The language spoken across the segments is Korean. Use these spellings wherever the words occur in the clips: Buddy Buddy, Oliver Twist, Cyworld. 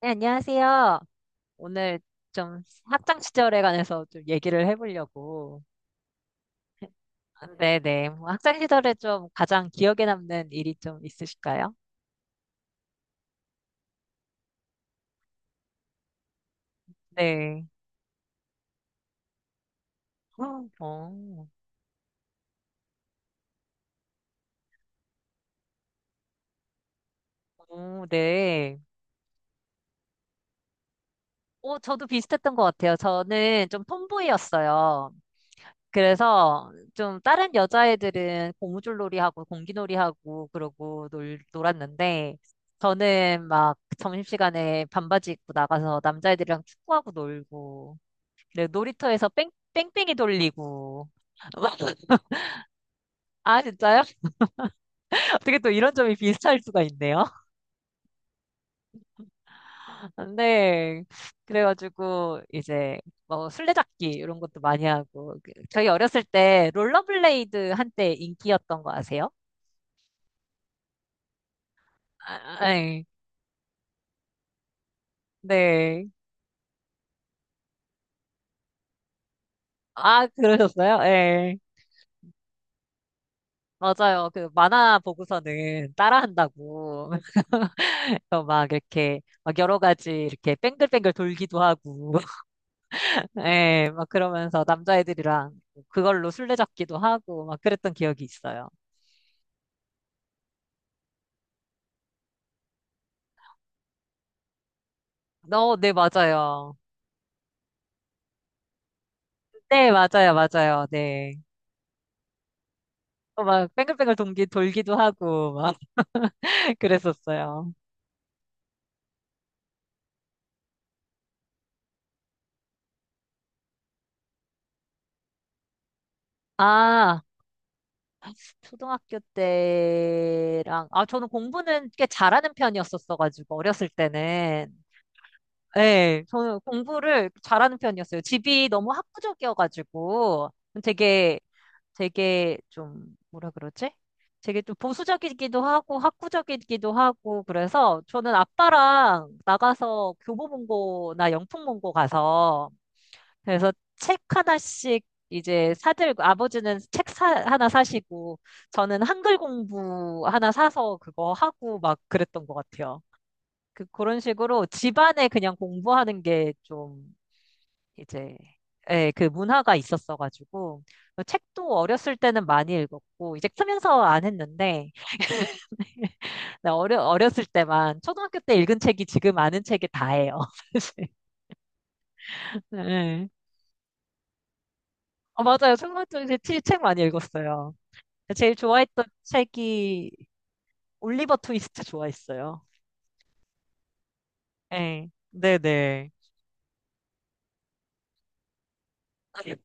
네, 안녕하세요. 오늘 좀 학창 시절에 관해서 좀 얘기를 해보려고. 네네. 뭐 학창 시절에 좀 가장 기억에 남는 일이 좀 있으실까요? 네. 어, 오, 네. 오, 저도 비슷했던 것 같아요. 저는 좀 톰보이였어요. 그래서 좀 다른 여자애들은 고무줄놀이하고 공기놀이하고 그러고 놀았는데, 저는 막 점심시간에 반바지 입고 나가서 남자애들이랑 축구하고 놀고 그래, 놀이터에서 뺑뺑이 돌리고 아 진짜요? 어떻게 또 이런 점이 비슷할 수가 있네요. 네. 그래가지고 이제 뭐 술래잡기 이런 것도 많이 하고 저희 어렸을 때 롤러블레이드 한때 인기였던 거 아세요? 아, 아, 예. 네. 아, 그러셨어요? 예. 맞아요. 그 만화 보고서는 따라한다고. 그래서 막 이렇게 막 여러 가지 이렇게 뱅글뱅글 돌기도 하고. 예. 막 그러면서 남자애들이랑 그걸로 술래잡기도 하고 막 그랬던 기억이 있어요. 어, 네, 맞아요. 네, 맞아요. 맞아요. 네. 어, 막 뱅글뱅글 돌기도 하고 막 그랬었어요. 아, 초등학교 때랑, 아, 저는 공부는 꽤 잘하는 편이었었어가지고, 어렸을 때는. 네, 저는 공부를 잘하는 편이었어요. 집이 너무 학구적이어가지고, 되게, 되게 좀, 뭐라 그러지? 되게 좀 보수적이기도 하고, 학구적이기도 하고, 그래서 저는 아빠랑 나가서 교보문고나 영풍문고 가서, 그래서 책 하나씩 이제 사들고, 아버지는 하나 사시고, 저는 한글 공부 하나 사서 그거 하고 막 그랬던 것 같아요. 그런 식으로 집안에 그냥 공부하는 게 좀 이제, 예, 그 문화가 있었어가지고, 책도 어렸을 때는 많이 읽었고, 이제 크면서 안 했는데, 나 어렸을 때만, 초등학교 때 읽은 책이 지금 아는 책이 다예요, 사실. 예. 어, 맞아요. 초등학교 때 책 많이 읽었어요. 그러니까 제일 좋아했던 책이 올리버 트위스트 좋아했어요. 예. 네네. 예,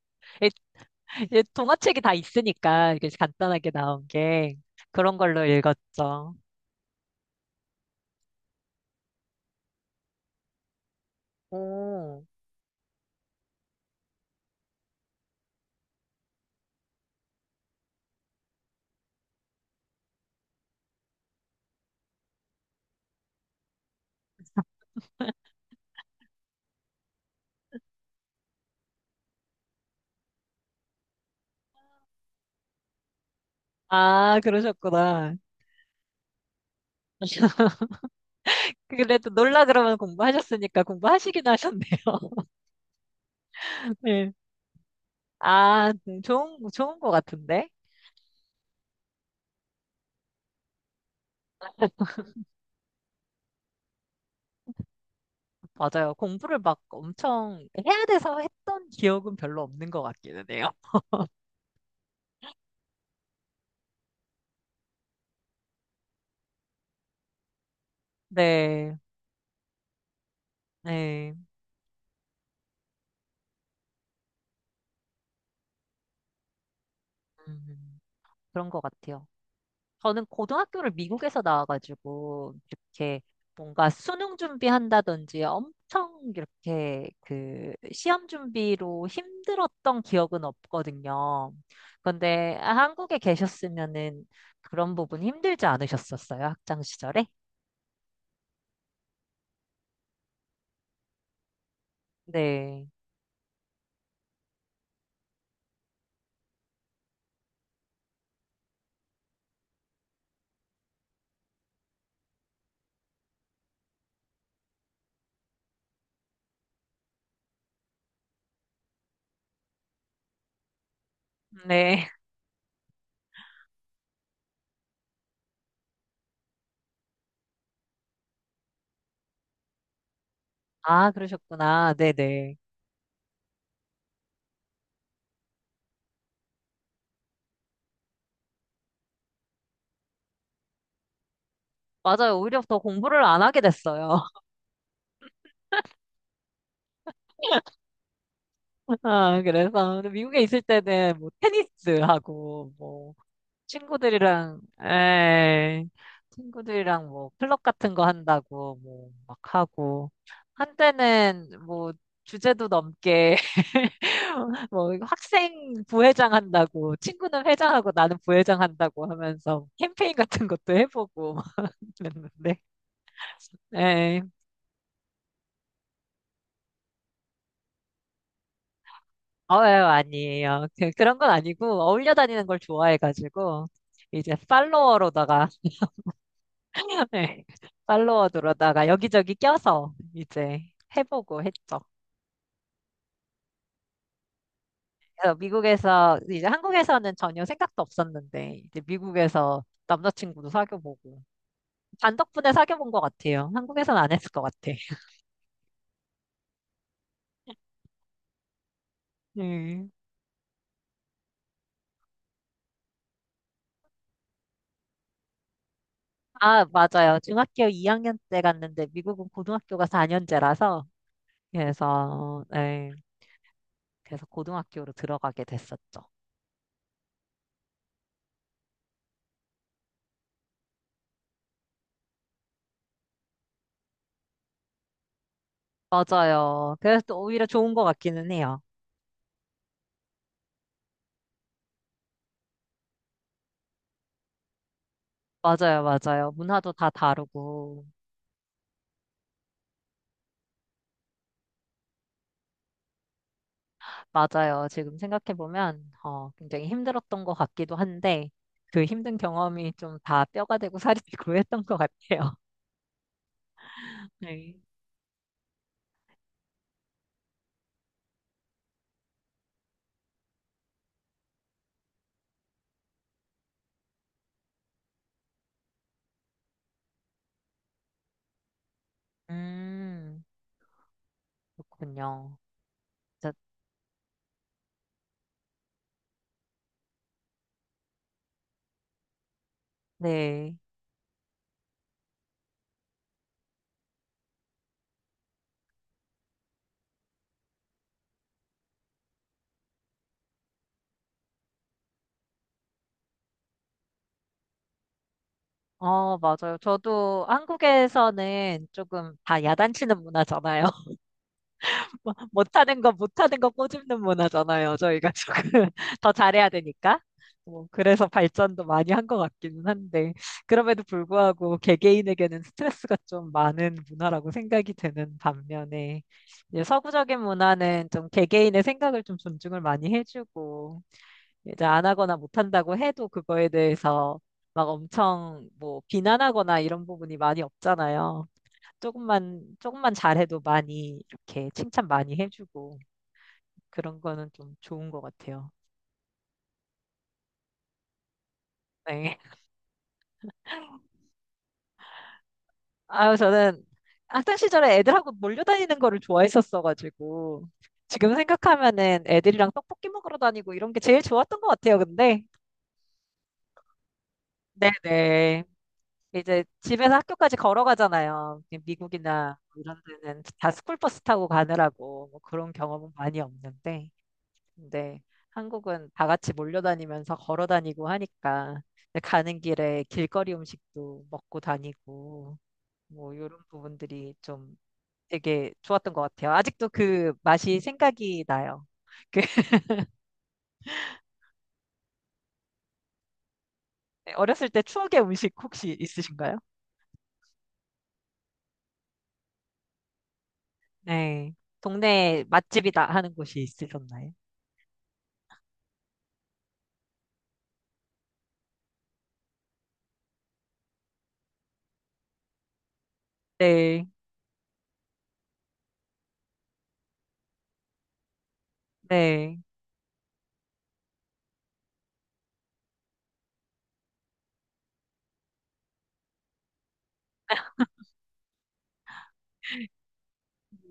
예, 동화책이 다 있으니까 이게 간단하게 나온 게 그런 걸로 읽었죠. 오. 아, 그러셨구나. 그래도 놀라 그러면 공부하셨으니까 공부하시긴 하셨네요. 네. 아, 네. 좋은 것 같은데? 맞아요. 공부를 막 엄청 해야 돼서 했던 기억은 별로 없는 것 같기는 해요. 네, 네. 음. 그런 것 같아요. 저는 고등학교를 미국에서 나와가지고 이렇게 뭔가 수능 준비한다든지 엄청 이렇게 그 시험 준비로 힘들었던 기억은 없거든요. 그런데 한국에 계셨으면은 그런 부분 힘들지 않으셨었어요? 학창 시절에? 네. 네. 아, 그러셨구나. 네네. 맞아요. 오히려 더 공부를 안 하게 됐어요. 아, 그래서 미국에 있을 때는 뭐 테니스하고 뭐 친구들이랑, 에이, 친구들이랑 뭐, 클럽 같은 거 한다고, 뭐, 막 하고. 한때는 뭐, 주제도 넘게, 뭐, 학생 부회장 한다고, 친구는 회장하고 나는 부회장 한다고 하면서 캠페인 같은 것도 해보고 그랬는데. 에이, 예, 아니에요. 그런 건 아니고, 어울려 다니는 걸 좋아해가지고, 이제 팔로워로다가 네. 팔로워드로 다가 여기저기 껴서 이제 해보고 했죠. 그래서 미국에서 이제 한국에서는 전혀 생각도 없었는데 이제 미국에서 남자친구도 사귀어보고 반 덕분에 사귀어본 것 같아요. 한국에서는 안 했을 것 같아. 네. 아, 맞아요. 중학교 2학년 때 갔는데 미국은 고등학교가 4년제라서 그래서 네. 그래서 고등학교로 들어가게 됐었죠. 맞아요. 그래서 또 오히려 좋은 것 같기는 해요. 맞아요, 맞아요. 문화도 다 다르고. 맞아요. 지금 생각해보면 어, 굉장히 힘들었던 것 같기도 한데 그 힘든 경험이 좀 다 뼈가 되고 살이 되고 했던 것 같아요. 네. 음, 그렇군요. 자, 네. 어, 맞아요. 저도 한국에서는 조금 다 야단치는 문화잖아요. 뭐, 못하는 거 못하는 거 꼬집는 문화잖아요. 저희가 조금 더 잘해야 되니까. 뭐, 그래서 발전도 많이 한 것 같기는 한데, 그럼에도 불구하고 개개인에게는 스트레스가 좀 많은 문화라고 생각이 드는 반면에, 이제 서구적인 문화는 좀 개개인의 생각을 좀 존중을 많이 해주고, 이제 안 하거나 못한다고 해도 그거에 대해서 막 엄청 뭐 비난하거나 이런 부분이 많이 없잖아요. 조금만 조금만 잘해도 많이 이렇게 칭찬 많이 해주고 그런 거는 좀 좋은 것 같아요. 네. 아유, 저는 학창 시절에 애들하고 몰려다니는 거를 좋아했었어가지고 지금 생각하면은 애들이랑 떡볶이 먹으러 다니고 이런 게 제일 좋았던 것 같아요. 근데 네네, 이제 집에서 학교까지 걸어가잖아요. 미국이나 뭐 이런 데는 다 스쿨버스 타고 가느라고 뭐 그런 경험은 많이 없는데. 근데 한국은 다 같이 몰려다니면서 걸어 다니고 하니까 이제 가는 길에 길거리 음식도 먹고 다니고 뭐 이런 부분들이 좀 되게 좋았던 것 같아요. 아직도 그 맛이 생각이 나요. 그 어렸을 때 추억의 음식 혹시 있으신가요? 네. 동네 맛집이다 하는 곳이 있으셨나요? 네. 네.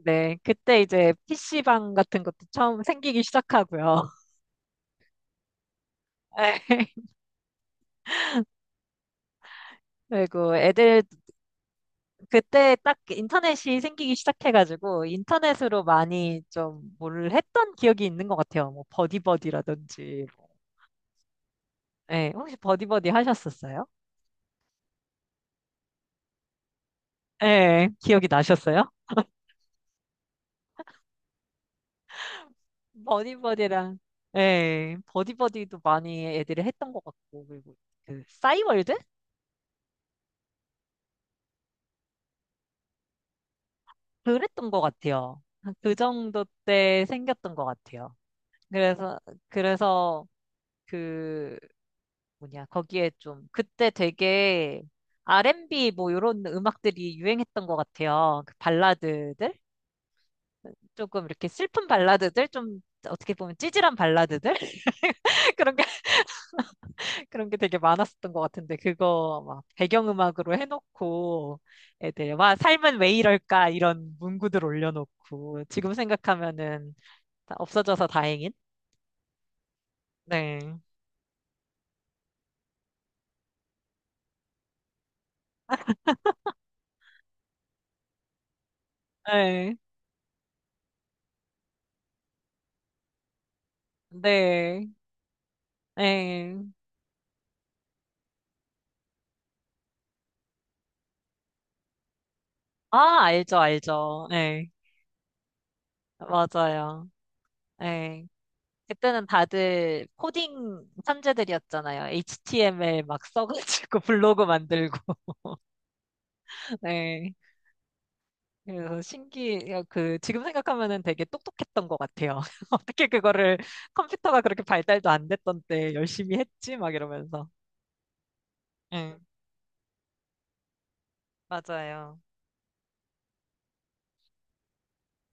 네. 그때 이제 PC방 같은 것도 처음 생기기 시작하고요. 네. 그리고 애들 그때 딱 인터넷이 생기기 시작해가지고 인터넷으로 많이 좀 뭘 했던 기억이 있는 것 같아요. 뭐 버디버디라든지. 뭐. 예, 혹시 버디버디 하셨었어요? 예, 기억이 나셨어요? 버디버디랑 예, 버디버디도 많이 애들이 했던 것 같고 그리고 그 싸이월드? 그랬던 것 같아요. 그 정도 때 생겼던 것 같아요. 그래서 그래서 그 뭐냐, 거기에 좀, 그때 되게 R&B 뭐 이런 음악들이 유행했던 것 같아요. 그 발라드들? 조금 이렇게 슬픈 발라드들? 좀 어떻게 보면 찌질한 발라드들? 그런 게, 그런 게 되게 많았었던 것 같은데, 그거 막 배경음악으로 해놓고, 애들, 와, 삶은 왜 이럴까? 이런 문구들 올려놓고, 지금 생각하면은 다 없어져서 다행인? 네. 네. 네. 네. 아, 알죠, 알죠. 네. 맞아요. 예. 그때는 다들 코딩 천재들이었잖아요. HTML 막 써가지고 블로그 만들고. 네. 그래서 그, 지금 생각하면은 되게 똑똑했던 것 같아요. 어떻게 그거를 컴퓨터가 그렇게 발달도 안 됐던 때 열심히 했지? 막 이러면서. 네, 맞아요.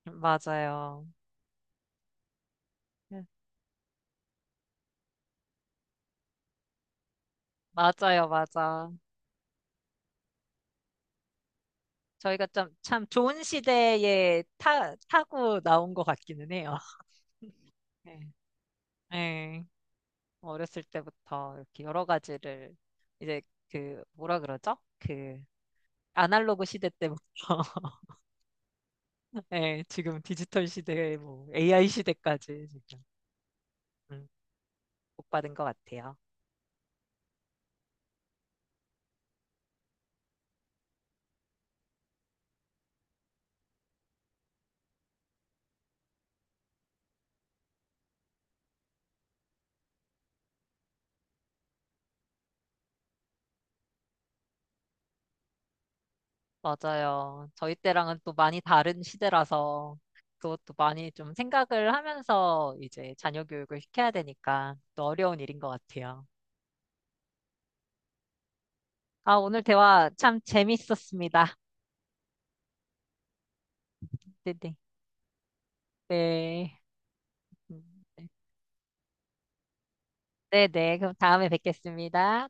맞아요. 네. 맞아요, 맞아. 저희가 좀, 참 좋은 시대에 타고 나온 것 같기는 해요. 네. 네. 어렸을 때부터 이렇게 여러 가지를 이제 그 뭐라 그러죠? 그 아날로그 시대 때부터 예, 지금 디지털 시대, 뭐 AI 시대까지 지금 음, 복받은 것 같아요. 맞아요. 저희 때랑은 또 많이 다른 시대라서 그것도 많이 좀 생각을 하면서 이제 자녀 교육을 시켜야 되니까 또 어려운 일인 것 같아요. 아, 오늘 대화 참 재밌었습니다. 네네. 네. 네. 네. 네네. 그럼 다음에 뵙겠습니다.